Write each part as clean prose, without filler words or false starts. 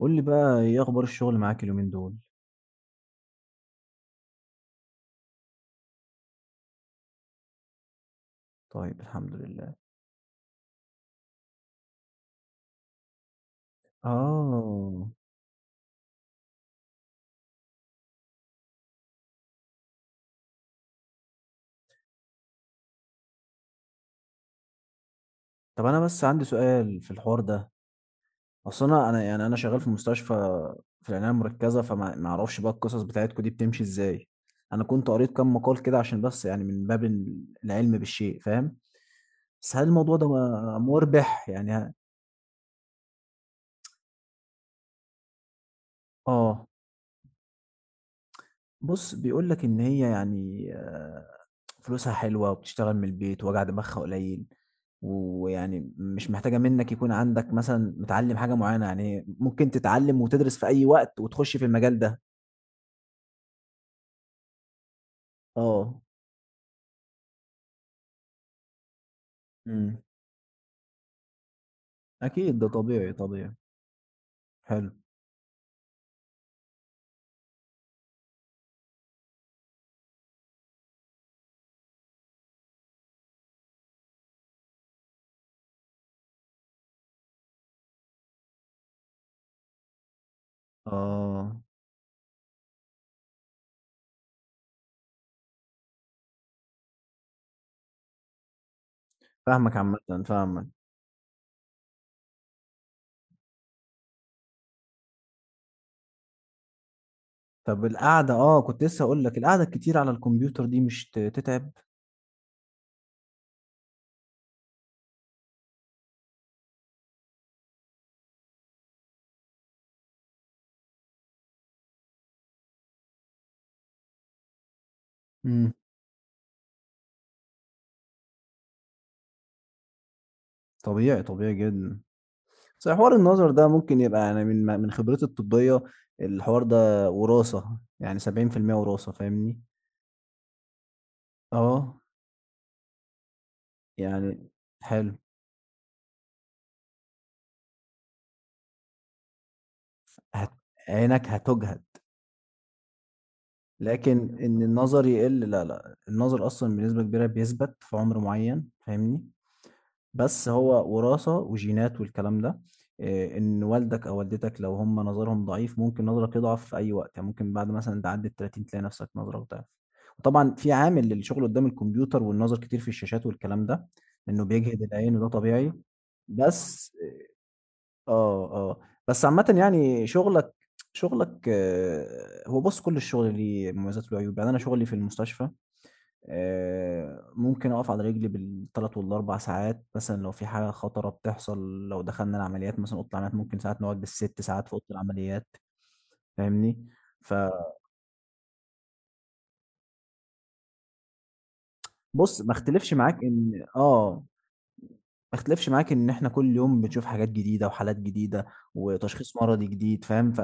قُل لي بقى إيه أخبار الشغل معاك اليومين دول؟ طيب الحمد لله. آه، طب أنا بس عندي سؤال في الحوار ده. أصل أنا يعني أنا شغال في مستشفى في العناية المركزة، فما ما أعرفش بقى القصص بتاعتكم دي بتمشي إزاي. أنا كنت قريت كام مقال كده عشان بس يعني من باب ال العلم بالشيء فاهم، بس هل الموضوع ده مُربح يعني آه، بُص بيقول لك إن هي يعني فلوسها حلوة وبتشتغل من البيت وجع دماغها قليل ويعني مش محتاجة منك يكون عندك مثلا متعلم حاجة معينة يعني ممكن تتعلم وتدرس في أي وقت وتخش في المجال ده. اه. امم أكيد ده طبيعي طبيعي. حلو. اه. فاهمك عامة. فاهمك. طب القعدة، اه، كنت لسه أقول لك القعدة الكتير على الكمبيوتر دي مش تتعب. امم طبيعي طبيعي جدا. بس حوار النظر ده ممكن يبقى يعني من خبرتي الطبية، الحوار ده وراثة يعني 70% وراثة فاهمني. آه، يعني حلو. هت عينك هتُجهد، لكن إن النظر يقل لا، لأ، النظر أصلًا بنسبة كبيرة بيثبت في عمر معيّن فاهمني، بس هو وراثة وجينات والكلام ده. إن والدك أو والدتك لو هم نظرهم ضعيف ممكن نظرك يضعف في أي وقت، يعني ممكن بعد مثلًا تعدّي ال30 تلاقي نفسك نظرك ضعف، وطبعًا في عامل للشغل قدّام الكمبيوتر والنظر كتير في الشاشات والكلام ده، إنه بيجهد العين وده طبيعي. بس آه، آه. بس عامةً يعني شغلك هو بُص كل الشغل ليه مميزات وله عيوب. يعني أنا شغلي في المستشفى ممكن أقف على رجلي بال3 وال4 ساعات مثلًا لو في حاجة خطرة بتحصل، لو دخلنا العمليات مثلًا أوضة العمليات ممكن ساعات نقعد بال6 ساعات في أوضة العمليات فاهمني؟ فبُص، ما اختلفش معاك إن آه، ما اختلفش معاك إن إحنا كل يوم بنشوف حاجات جديدة وحالات جديدة وتشخيص مرضي جديد فاهم؟ ف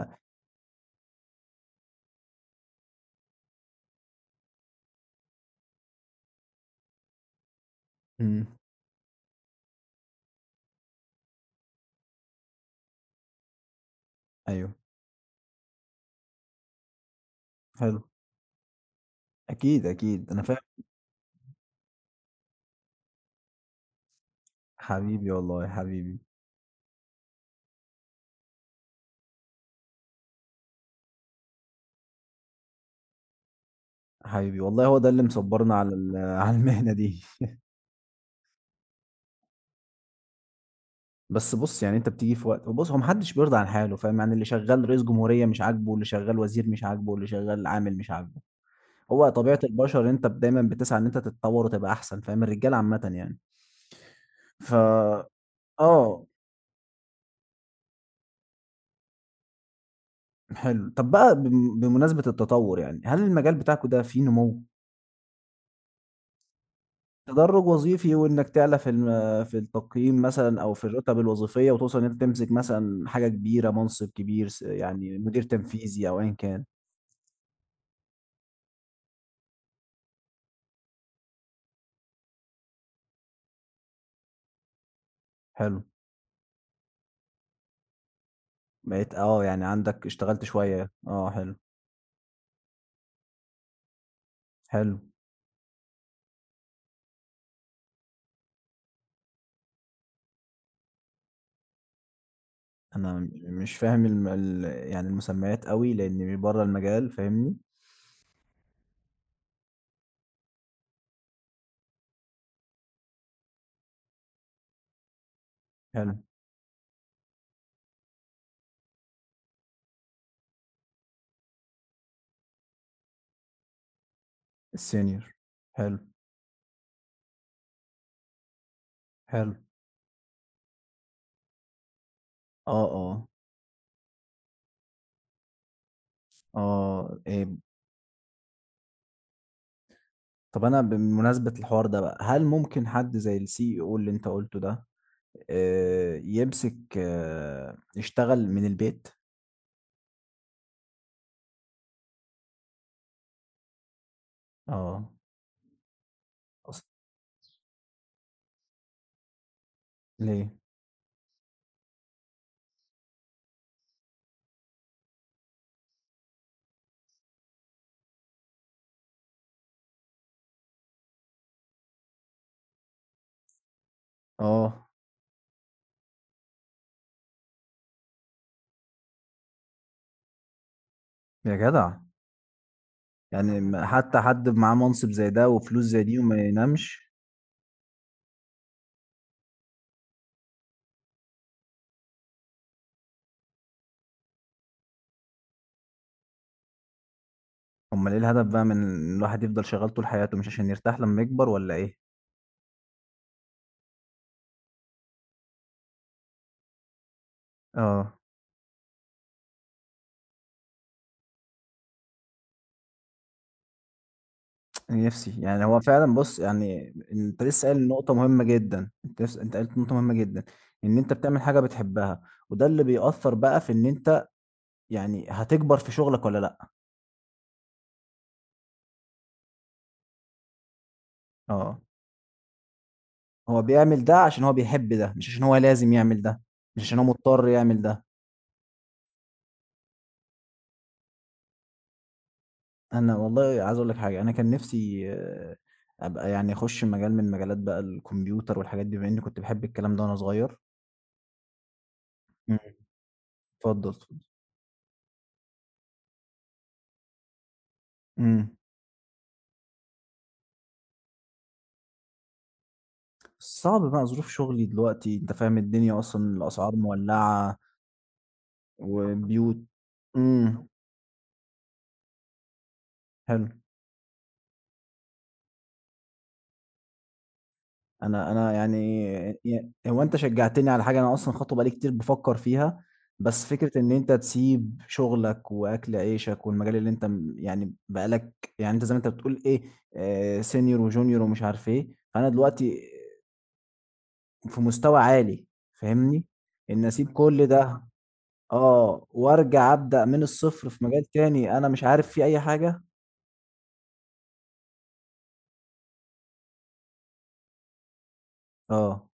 إمم، أيوه، حلو. أكيد، أكيد، أنا فاهم. حبيبي والله حبيبي. حبيبي والله هو ده اللي مصبرنا على ال- على المهنة دي. بس بص، يعني انت بتيجي في وقت، وبص هو محدش بيرضى عن حاله فاهم، يعني اللي شغال رئيس جمهورية مش عاجبه واللي شغال وزير مش عاجبه واللي شغال عامل مش عاجبه. هو طبيعة البشر انت دايما بتسعى ان انت تتطور وتبقى احسن فاهم، الرجال عامة يعني. ف اه، حلو. طب بقى بمناسبة التطور، يعني هل المجال بتاعكم ده فيه نمو، تدرج وظيفي، وانك تعلى في في التقييم مثلا او في الرتب الوظيفيه، وتوصل ان انت تمسك مثلا حاجه كبيره، منصب كبير، يعني مدير تنفيذي او ايا كان. حلو. بقيت اه يعني عندك اشتغلت شويه اه. حلو. حلو. انا م- مش فاهم يعني المسميات قوي لاني بره المجال فاهمني. حلو. السينيور. حلو. حلو. اه. اه. اه. إيه. طب انا بمناسبه الحوار ده بقى، هل ممكن حد زي السي او اللي انت قلته ده يمسك، يشتغل من البيت. آه. أصل، ليه؟ آه، يا جدع! يعني ما حتى حد معاه منصب زي ده وفلوس زي دي وما ينامش. أمّال إيه الهدف بقى من إن الواحد يفضل شغّال طول حياته، مش عشان يرتاح لمّا يكبر والّا إيه؟ آه، نفسي. يعني هو فعلًا بُص، يعني أنت لسه قايل نقطة مهمة جدًا، أنت قُلت نقطة مهمة جدًا، إن أنت بتعمل حاجة بتحبها، وده اللي بيأثّر بقى في إن أنت يعني هتكبر في شغلك والّا لأ. آه. هو بيعمل ده عشان هو بيحب ده مش عشان هو لازم يعمل ده، مش عشان هو مضطر يعمل ده. انا والله عايز اقول لك حاجه، انا كان نفسي آه، ابقى يعني اخش مجال من مجالات بقى الكمبيوتر والحاجات دي بما اني كنت بحب الكلام ده وانا صغير. مم. اتفضل اتفضل. امم صعب بقى ظروف شغلي دلوقتي، انت فاهم الدنيا اصلا الاسعار مولعه وبيوت. امم حلو. انا انا يعني هو انت شجعتني على حاجه انا اصلا خطوه بقالي كتير بفكر فيها، بس فكره ان انت تسيب شغلك واكل عيشك والمجال اللي انت يعني بقالك، يعني انت زي ما انت بتقول ايه، آه سينيور وجونيور ومش عارف ايه، فانا دلوقتي في مستوى عالي فاهمني، ان اسيب كل ده اه وارجع ابدا من الصفر في مجال تاني انا مش عارف فيه اي حاجه. اه.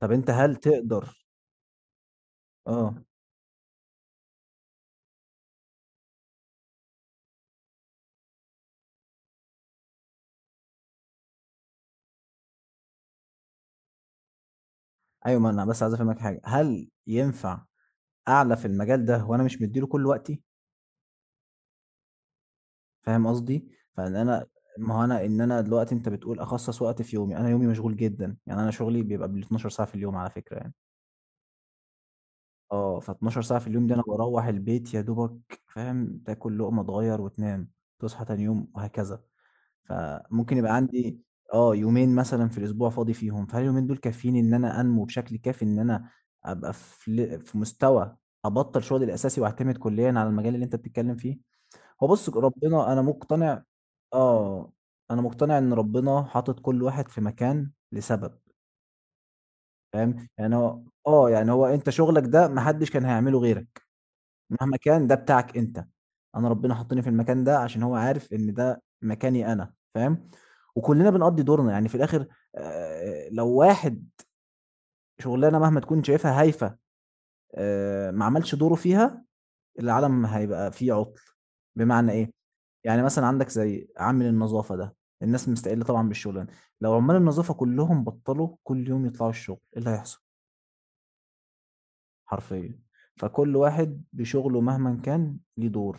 طب انت هل تقدر؟ اه، ايوه، ما انا بس عايز افهمك حاجه، هل ينفع أعلى في المجال ده وأنا مش مدّي له كل وقتي، فاهم قصدي؟ فإن أنا، ما هو أنا، إن أنا دلوقتي أنت بتقول أخصّص وقت في يومي، أنا يومي مشغول جدًا، يعني أنا شغلي بيبقى بال12 ساعة في اليوم على فكرة يعني، آه، ف12 ساعة في اليوم دي أنا باروّح البيت يا دوبك فاهم، تاكل لقمة تغيّر وتنام، تصحى تاني يوم وهكذا، فممكن يبقى عندي آه، يومين مثلًا في الأسبوع فاضي فيهم، فهل اليومين دول كافيين إن أنا أنمو بشكل كافي إن أنا أبقى في مستوى أبطّل شغلي الأساسي وأعتمد كليًا على المجال اللي أنت بتتكلم فيه؟ هو بُص، ربنا أنا مقتنع، آه، أنا مقتنع إن ربنا حاطط كل واحد في مكان لسبب، فاهم؟ يعني هو آه، يعني هو أنت شغلك ده ما حدش كان هيعمله غيرك، مهما كان ده بتاعك أنت، أنا ربنا حطني في المكان ده عشان هو عارف إن ده مكاني أنا، فاهم؟ وكلنا بنقضّي دورنا، يعني في الآخر لو واحد، شغلانة مهما تكون شايفها هايفة ما عملش دوره فيها، العالم هيبقى فيه عطل. بمعنى ايه؟ يعني مثلا عندك زي عامل النظافه ده، الناس مستقله طبعا بالشغلانه، لو عمال النظافه كلهم بطلوا كل يوم يطلعوا الشغل ايه اللي هيحصل؟ حرفيا. فكل واحد بشغله مهما كان ليه دور.